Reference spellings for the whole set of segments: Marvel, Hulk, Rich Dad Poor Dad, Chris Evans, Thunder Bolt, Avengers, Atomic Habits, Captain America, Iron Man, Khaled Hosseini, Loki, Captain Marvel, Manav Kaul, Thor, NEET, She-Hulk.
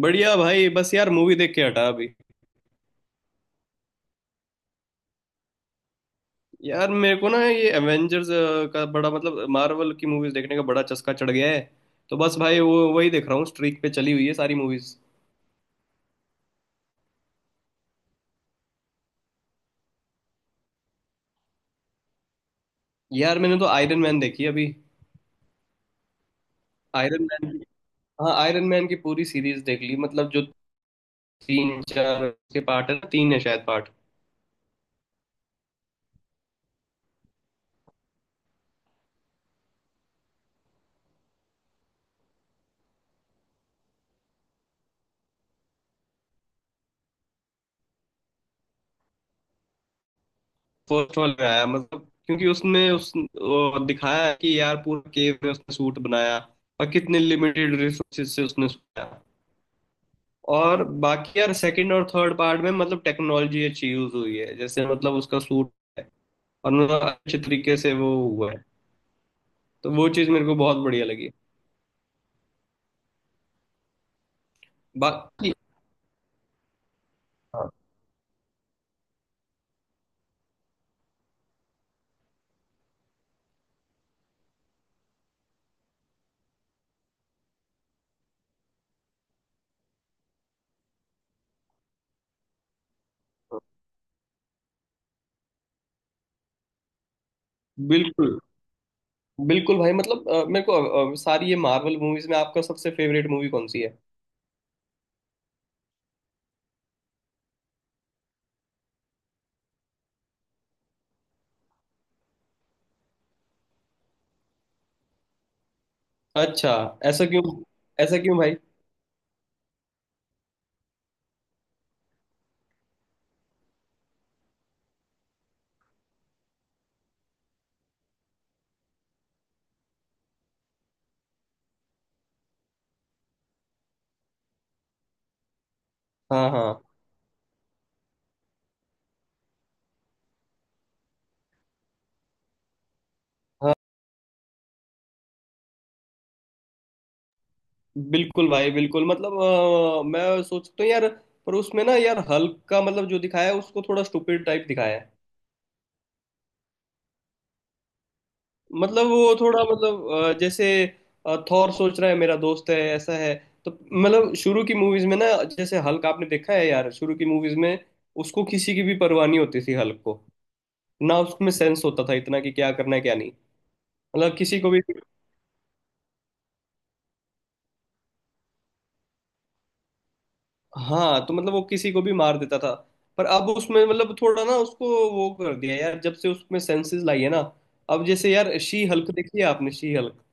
बढ़िया भाई, बस यार मूवी देख के हटा अभी। यार मेरे को ना ये एवेंजर्स का बड़ा, मतलब मार्वल की मूवीज देखने का बड़ा चस्का चढ़ गया है। तो बस भाई वो वही देख रहा हूँ, स्ट्रीक पे चली हुई है सारी मूवीज। यार मैंने तो आयरन मैन देखी अभी। Iron Man. हाँ, आयरन मैन की पूरी सीरीज देख ली, मतलब जो तीन चार के पार्ट है ना, तीन है शायद पार्ट। फर्स्ट वाला आया, मतलब क्योंकि उसने उस वो दिखाया कि यार पूरा केव में उसने सूट बनाया और कितने लिमिटेड रिसोर्सेज से उसने बनाया। और बाकी यार सेकंड और थर्ड पार्ट में मतलब टेक्नोलॉजी अच्छी यूज हुई है, जैसे मतलब उसका सूट है, और मतलब अच्छे तरीके से वो हुआ है। तो वो चीज मेरे को बहुत बढ़िया लगी। बाकी। हाँ। बिल्कुल बिल्कुल भाई, मतलब मेरे को सारी ये मार्वल मूवीज में आपका सबसे फेवरेट मूवी कौन सी है? अच्छा। ऐसा क्यों? ऐसा क्यों भाई? हाँ हाँ हाँ। बिल्कुल भाई बिल्कुल, मतलब मैं सोचता हूँ यार, पर उसमें ना यार हल्क का मतलब जो दिखाया है, उसको थोड़ा स्टूपिड टाइप दिखाया है। मतलब वो थोड़ा, मतलब जैसे थॉर सोच रहा है मेरा दोस्त है ऐसा है। तो मतलब शुरू की मूवीज में ना, जैसे हल्क आपने देखा है यार शुरू की मूवीज में, उसको किसी की भी परवाह नहीं होती थी हल्क को। ना उसमें सेंस होता था इतना कि क्या करना है क्या नहीं। मतलब किसी को भी। हाँ, तो मतलब वो किसी को भी मार देता था। पर अब उसमें मतलब थोड़ा ना उसको वो कर दिया यार, जब से उसमें सेंसेस लाई है ना। अब जैसे यार शी हल्क देखी है आपने? She Hulk.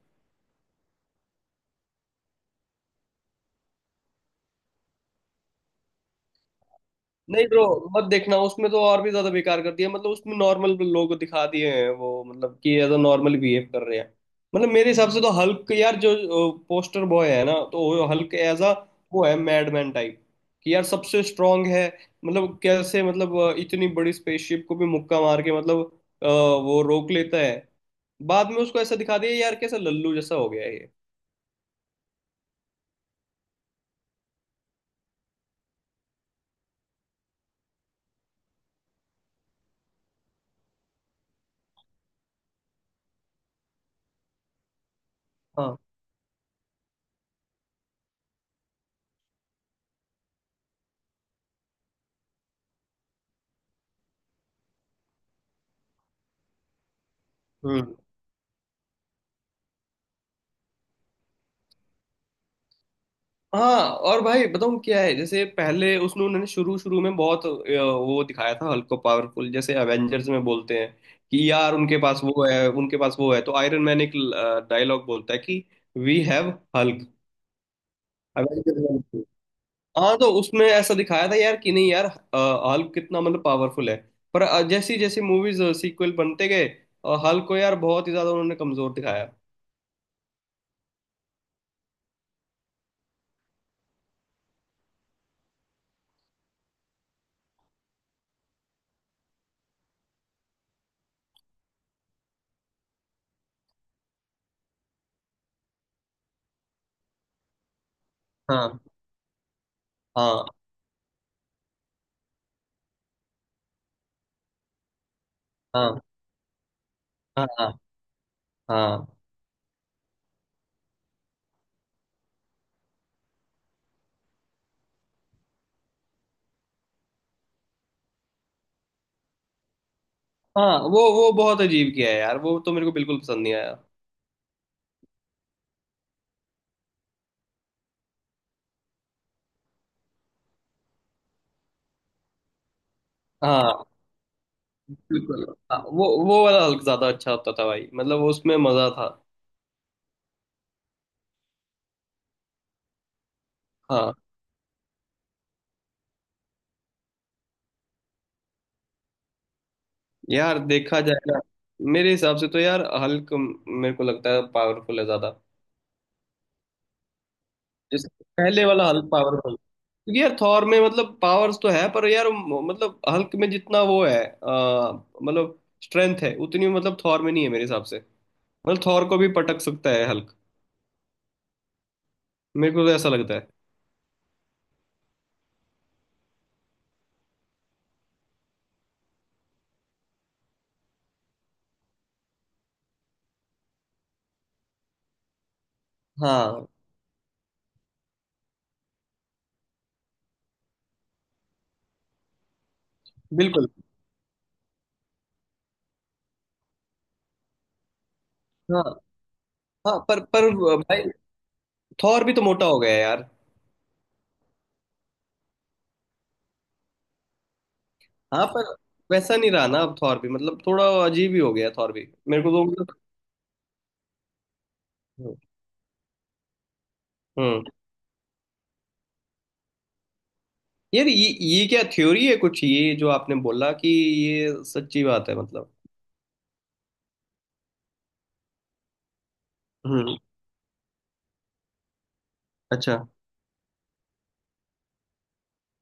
नहीं ब्रो। मत देखना, उसमें तो और भी ज्यादा बेकार कर दिया। मतलब उसमें नॉर्मल लोग दिखा दिए हैं वो, मतलब कि एज अ नॉर्मल बिहेव कर रहे हैं। मतलब मेरे हिसाब से तो हल्क यार जो पोस्टर बॉय है ना, तो वो हल्क एज अ, वो है मैडमैन टाइप। कि यार सबसे स्ट्रांग है। मतलब कैसे, मतलब इतनी बड़ी स्पेसशिप को भी मुक्का मार के मतलब वो रोक लेता है। बाद में उसको ऐसा दिखा दिया यार, कैसा लल्लू जैसा हो गया है ये। हाँ। हम्म। हाँ। और भाई बताऊँ क्या है, जैसे पहले उसने उन्होंने शुरू शुरू में बहुत वो दिखाया था हल्को पावरफुल, जैसे अवेंजर्स में बोलते हैं कि यार उनके पास वो है, उनके पास वो है, तो आयरन मैन एक डायलॉग बोलता है कि वी हैव हल्क, अवेंजर्स। हाँ, तो उसमें ऐसा दिखाया था यार कि नहीं यार, हल्क कितना मतलब पावरफुल है। पर जैसी जैसी मूवीज सीक्वल बनते गए, हल्क को यार बहुत ही ज्यादा उन्होंने कमजोर दिखाया। हाँ हाँ हाँ हाँ हाँ हाँ। हाँ, वो बहुत अजीब किया है यार, वो तो मेरे को बिल्कुल पसंद नहीं आया। हाँ बिल्कुल। हाँ, वो वाला हल्क ज्यादा अच्छा होता था भाई, मतलब उसमें मजा था। हाँ। यार देखा जाएगा। मेरे हिसाब से तो यार हल्क मेरे को लगता है पावरफुल है ज्यादा। जिस पहले वाला हल्क पावरफुल, क्योंकि यार थॉर में मतलब पावर्स तो है, पर यार मतलब हल्क में जितना वो है मतलब स्ट्रेंथ है उतनी मतलब थॉर में नहीं है मेरे हिसाब से। मतलब थॉर को भी पटक सकता है हल्क। मेरे को तो ऐसा लगता है। हाँ बिल्कुल। हाँ हाँ, पर भाई थॉर भी तो मोटा हो गया है यार। हाँ, पर वैसा नहीं रहा ना अब, थॉर भी मतलब थोड़ा अजीब ही हो गया, थॉर भी मेरे को तो मतलब। हम्म। यार ये क्या थ्योरी है कुछ, ये जो आपने बोला कि ये सच्ची बात है मतलब। हम्म। अच्छा।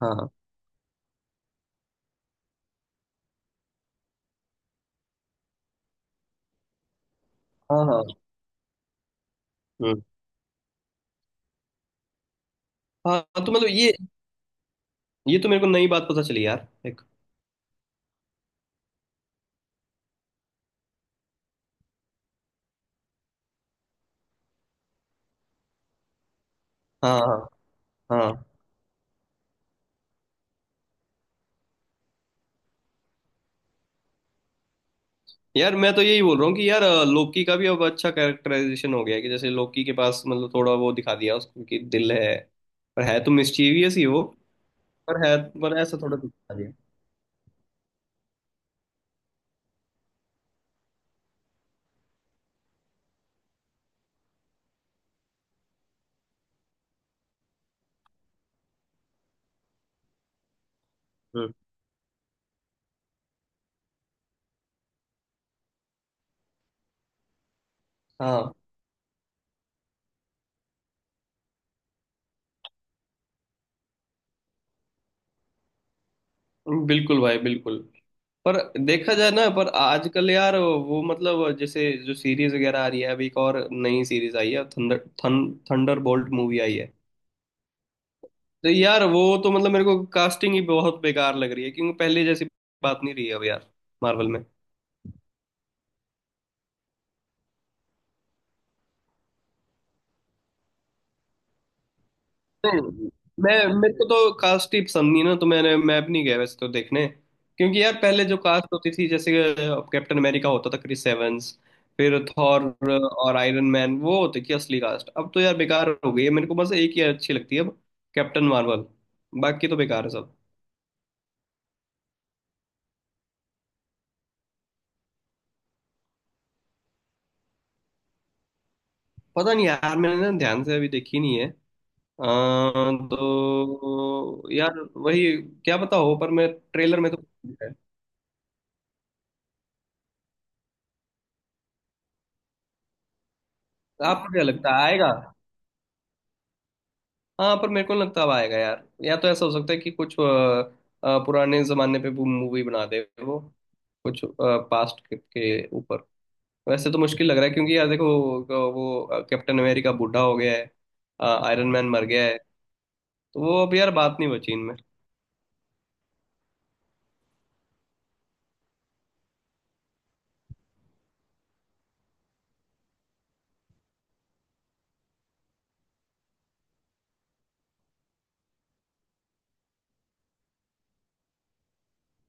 हाँ हाँ हाँ हाँ। हम्म। हाँ तो मतलब ये तो मेरे को नई बात पता चली यार एक। हाँ हाँ हाँ। यार मैं तो यही बोल रहा हूँ कि यार लोकी का भी अब अच्छा कैरेक्टराइजेशन हो गया है, कि जैसे लोकी के पास मतलब थोड़ा वो दिखा दिया उसको कि दिल है, पर है तो मिस्चीवियस ही वो। पर है, पर ऐसा थोड़ा दिखता नहीं है। हम्म। हाँ बिल्कुल भाई बिल्कुल। पर देखा जाए ना, पर आजकल यार वो मतलब जैसे जो सीरीज वगैरह आ रही है, अभी एक और नई सीरीज आई है, थंडर थंडर बोल्ट मूवी आई है। तो यार वो तो मतलब मेरे को कास्टिंग ही बहुत बेकार लग रही है, क्योंकि पहले जैसी बात नहीं रही है अब यार मार्वल में। नहीं, मैं मेरे को तो कास्ट ही पसंद नहीं ना, तो मैं भी नहीं गया वैसे तो देखने। क्योंकि यार पहले जो कास्ट होती थी, जैसे कैप्टन अमेरिका होता था क्रिस एवंस, फिर थॉर और आयरन मैन, वो होती थी असली कास्ट। अब तो यार बेकार हो गई है, मेरे को बस एक ही अच्छी लगती है अब, कैप्टन मार्वल। बाकी तो बेकार है सब। पता नहीं यार मैंने ना ध्यान से अभी देखी नहीं है। अ, तो यार वही, क्या पता हो, पर मैं ट्रेलर में तो। आपको क्या लगता है आएगा? हाँ, पर मेरे को नहीं लगता अब आएगा यार। या तो ऐसा हो सकता है कि कुछ पुराने जमाने पे मूवी बना दे वो, कुछ पास्ट के ऊपर। वैसे तो मुश्किल लग रहा है, क्योंकि यार देखो, वो कैप्टन अमेरिका बूढ़ा हो गया है। आयरन मैन मर गया है। तो वो अब यार बात नहीं बची इनमें।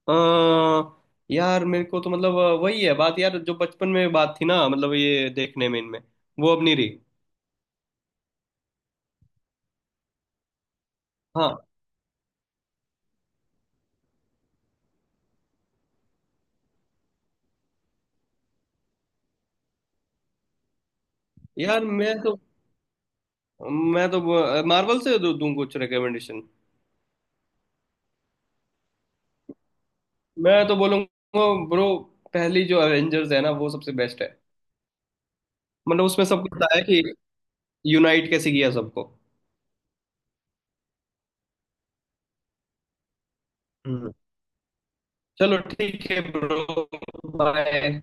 अ, यार मेरे को तो मतलब वही है बात यार जो बचपन में बात थी ना, मतलब ये देखने में इनमें वो अब नहीं रही। हाँ। यार मैं तो मार्वल से दूं कुछ रिकमेंडेशन। मैं तो बोलूंगा ब्रो, पहली जो एवेंजर्स है ना वो सबसे बेस्ट है। मतलब उसमें सब कुछ बताया कि यूनाइट कैसे किया सबको। हम्म। चलो ठीक है ब्रो। बाय।